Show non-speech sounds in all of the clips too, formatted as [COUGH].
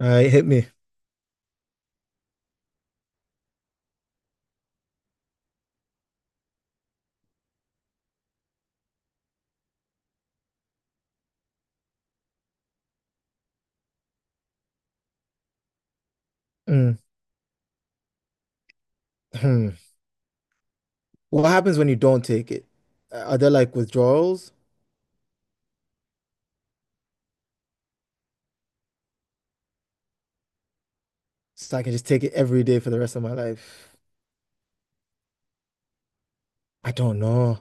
All right, hit me. Mm, hmm. What happens when you don't take it? Are there like withdrawals? So I can just take it every day for the rest of my life. I don't know.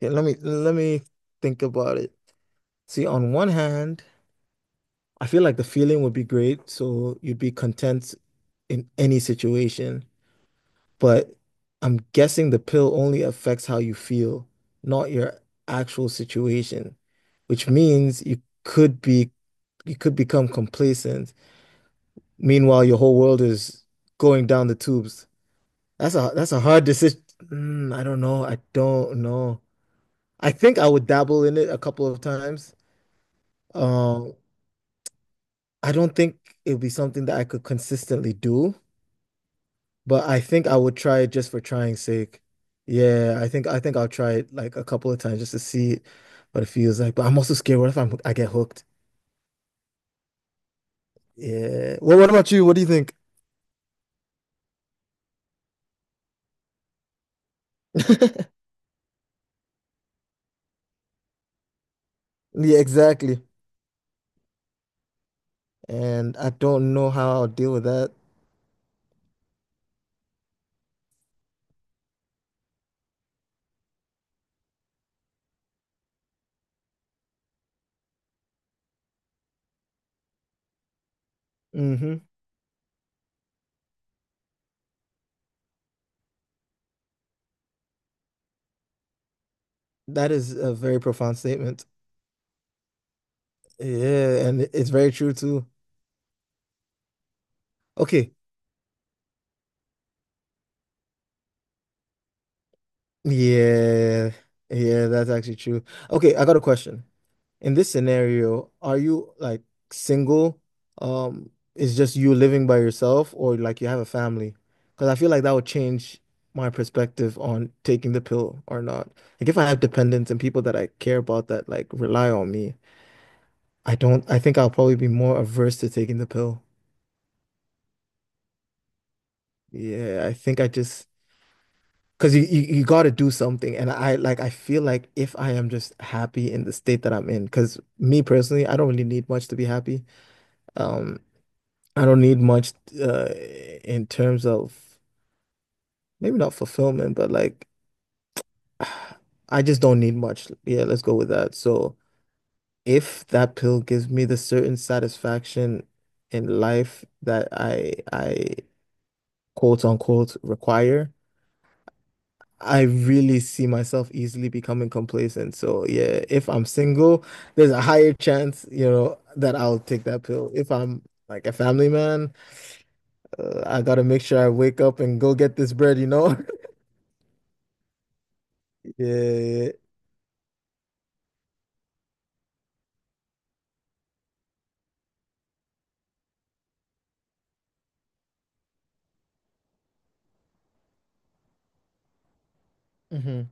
Yeah, let me think about it. See, on one hand, I feel like the feeling would be great, so you'd be content in any situation. But I'm guessing the pill only affects how you feel, not your actual situation, which means you could become complacent. Meanwhile, your whole world is going down the tubes. That's a hard decision. I don't know. I don't know. I think I would dabble in it a couple of times. Um, I don't think it would be something that I could consistently do, but I think I would try it just for trying sake. Yeah, I think I'll try it like a couple of times just to see what it feels like. But I'm also scared. What if I get hooked? Yeah. Well, what about you? What do you think? [LAUGHS] Yeah, exactly. And I don't know how I'll deal with that. hmm That is a very profound statement. Yeah, and it's very true too. Okay. Yeah. Yeah, that's actually true. Okay, I got a question. In this scenario, are you like single? Is just you living by yourself or like you have a family? Because I feel like that would change my perspective on taking the pill or not. Like if I have dependents and people that I care about that like rely on me, I don't I think I'll probably be more averse to taking the pill. Yeah, I think I just. Because you got to do something. And I like, I feel like if I am just happy in the state that I'm in, because me personally, I don't really need much to be happy. Um, I don't need much uh, in terms of maybe not fulfillment, but like, [SIGHS] I just don't need much. Yeah, let's go with that. So if that pill gives me the certain satisfaction in life that I quote unquote require, I really see myself easily becoming complacent. So yeah, if I'm single, there's a higher chance, you know, that I'll take that pill. If I'm like a family man, I gotta make sure I wake up and go get this bread, you know? [LAUGHS] Yeah. hmm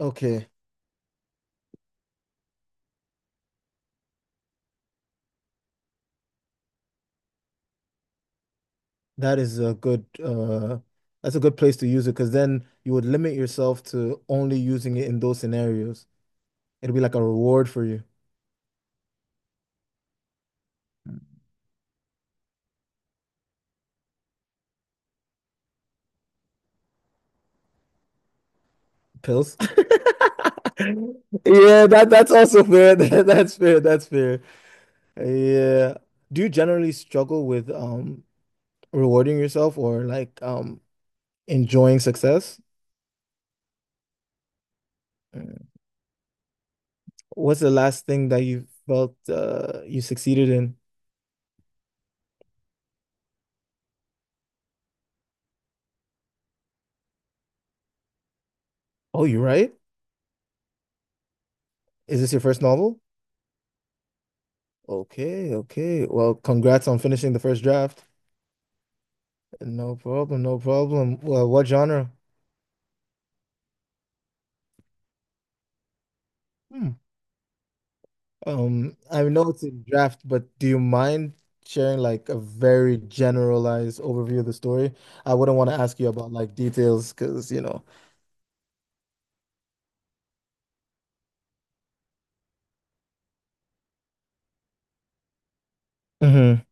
Okay. That is a good, that's a good place to use it because then you would limit yourself to only using it in those scenarios. It'll be like a reward for you. Pills. [LAUGHS] Yeah, that's also fair. [LAUGHS] That, that's fair. That's fair. Yeah. Do you generally struggle with rewarding yourself or like enjoying success? Mm. What's the last thing that you felt you succeeded in? Oh, you write. Is this your first novel? Okay, okay. Well, congrats on finishing the first draft. No problem, no problem. Well, what genre? Hmm. I know it's a draft, but do you mind sharing like a very generalized overview of the story? I wouldn't want to ask you about like details because, you know. Mhm.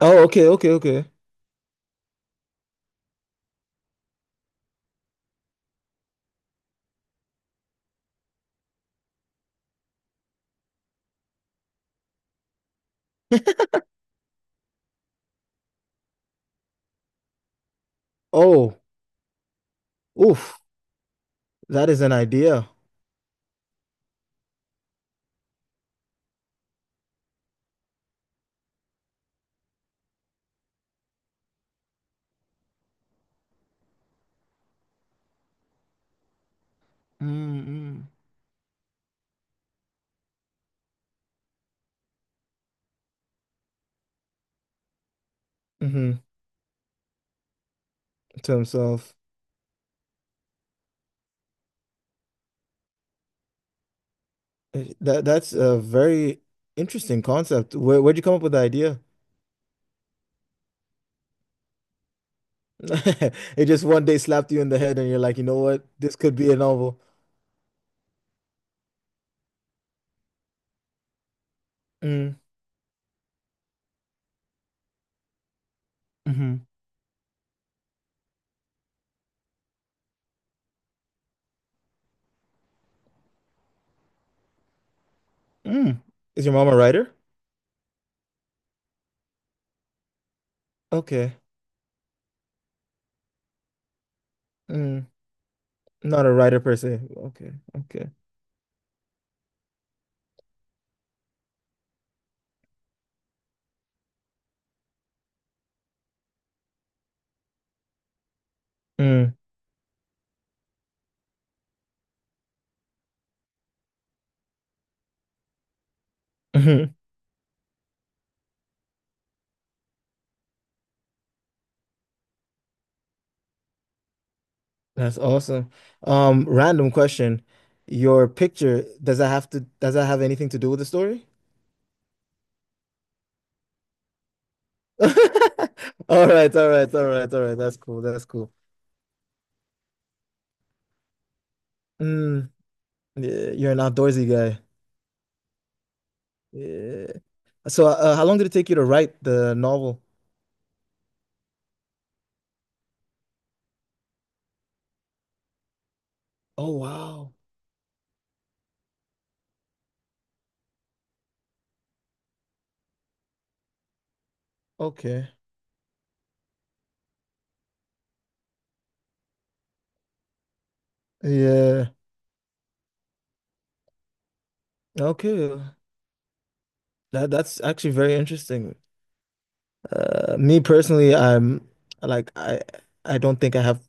Oh, okay, okay, okay. Oh, oof, that is an idea. Mm-hmm. Hmm. To himself. That that's a very interesting concept. Where'd you come up with the idea? [LAUGHS] It just one day slapped you in the head and you're like, you know what? This could be a novel. Mm. Mm-hmm. Mm. Is your mom a writer? Okay. Mm. Not a writer per se. Okay. Okay. Mm. Mhm. That's awesome. Random question. Your picture, does that have anything to do with the story? [LAUGHS] All right, all right, all right, all right. That's cool. That's cool. Mm, yeah, you're an outdoorsy guy. Yeah. So, how long did it take you to write the novel? Oh, wow. Okay. Yeah. Okay. That that's actually very interesting. Me personally, like I I don't think I have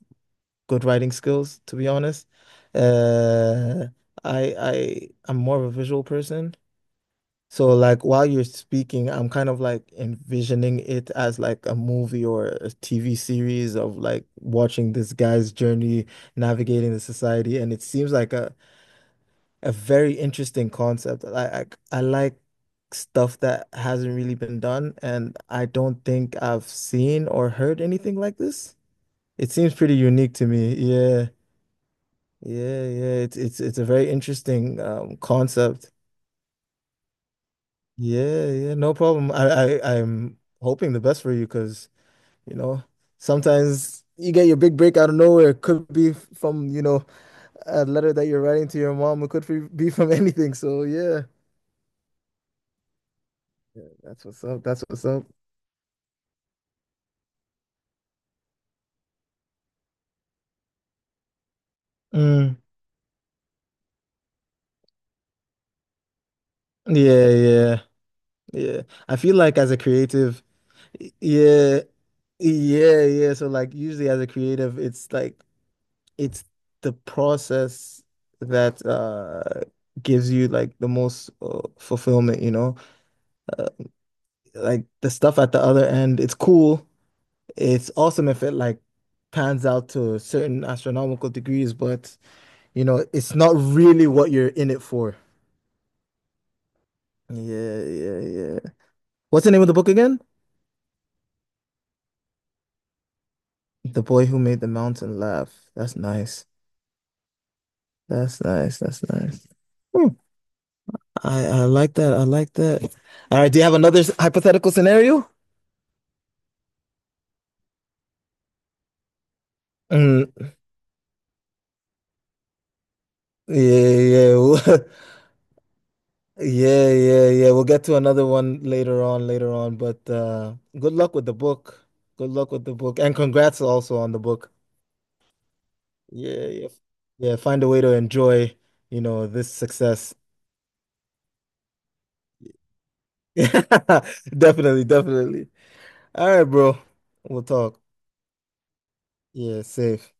good writing skills, to be honest. Uh, I'm more of a visual person. So like while you're speaking, I'm kind of like envisioning it as like a movie or a TV series of like watching this guy's journey navigating the society, and it seems like a very interesting concept. I like stuff that hasn't really been done, and I don't think I've seen or heard anything like this. It seems pretty unique to me. Yeah, yeah, yeah. It's a very interesting concept. Yeah, yeah, no problem. I'm hoping the best for you because, you know, sometimes you get your big break out of nowhere. It could be from, you know, a letter that you're writing to your mom. It could be from [LAUGHS] anything. So yeah, yeah, that's what's up. That's what's up. Mm, yeah, yeah, yeah. I feel like as a creative, yeah, yeah, yeah. So like usually as a creative, it's like it's the process that gives you like the most fulfillment, you know? Uh, Like the stuff at the other end, it's cool. It's awesome if it like pans out to certain astronomical degrees, but you know, it's not really what you're in it for. Yeah, yeah, yeah. What's the name of the book again? The Boy Who Made the Mountain Laugh. That's nice. That's nice. That's nice. Hmm. I like that. I like that. All right. Do you have another hypothetical scenario? Mm, yeah, yeah. [LAUGHS] Yeah, yeah, yeah. We'll get to another one later on, later on. But good luck with the book. Good luck with the book. And congrats also on the book. Yeah, yeah. Yeah, find a way to enjoy, you know, this success. [LAUGHS] Definitely, definitely. All right, bro. We'll talk. Yeah, safe.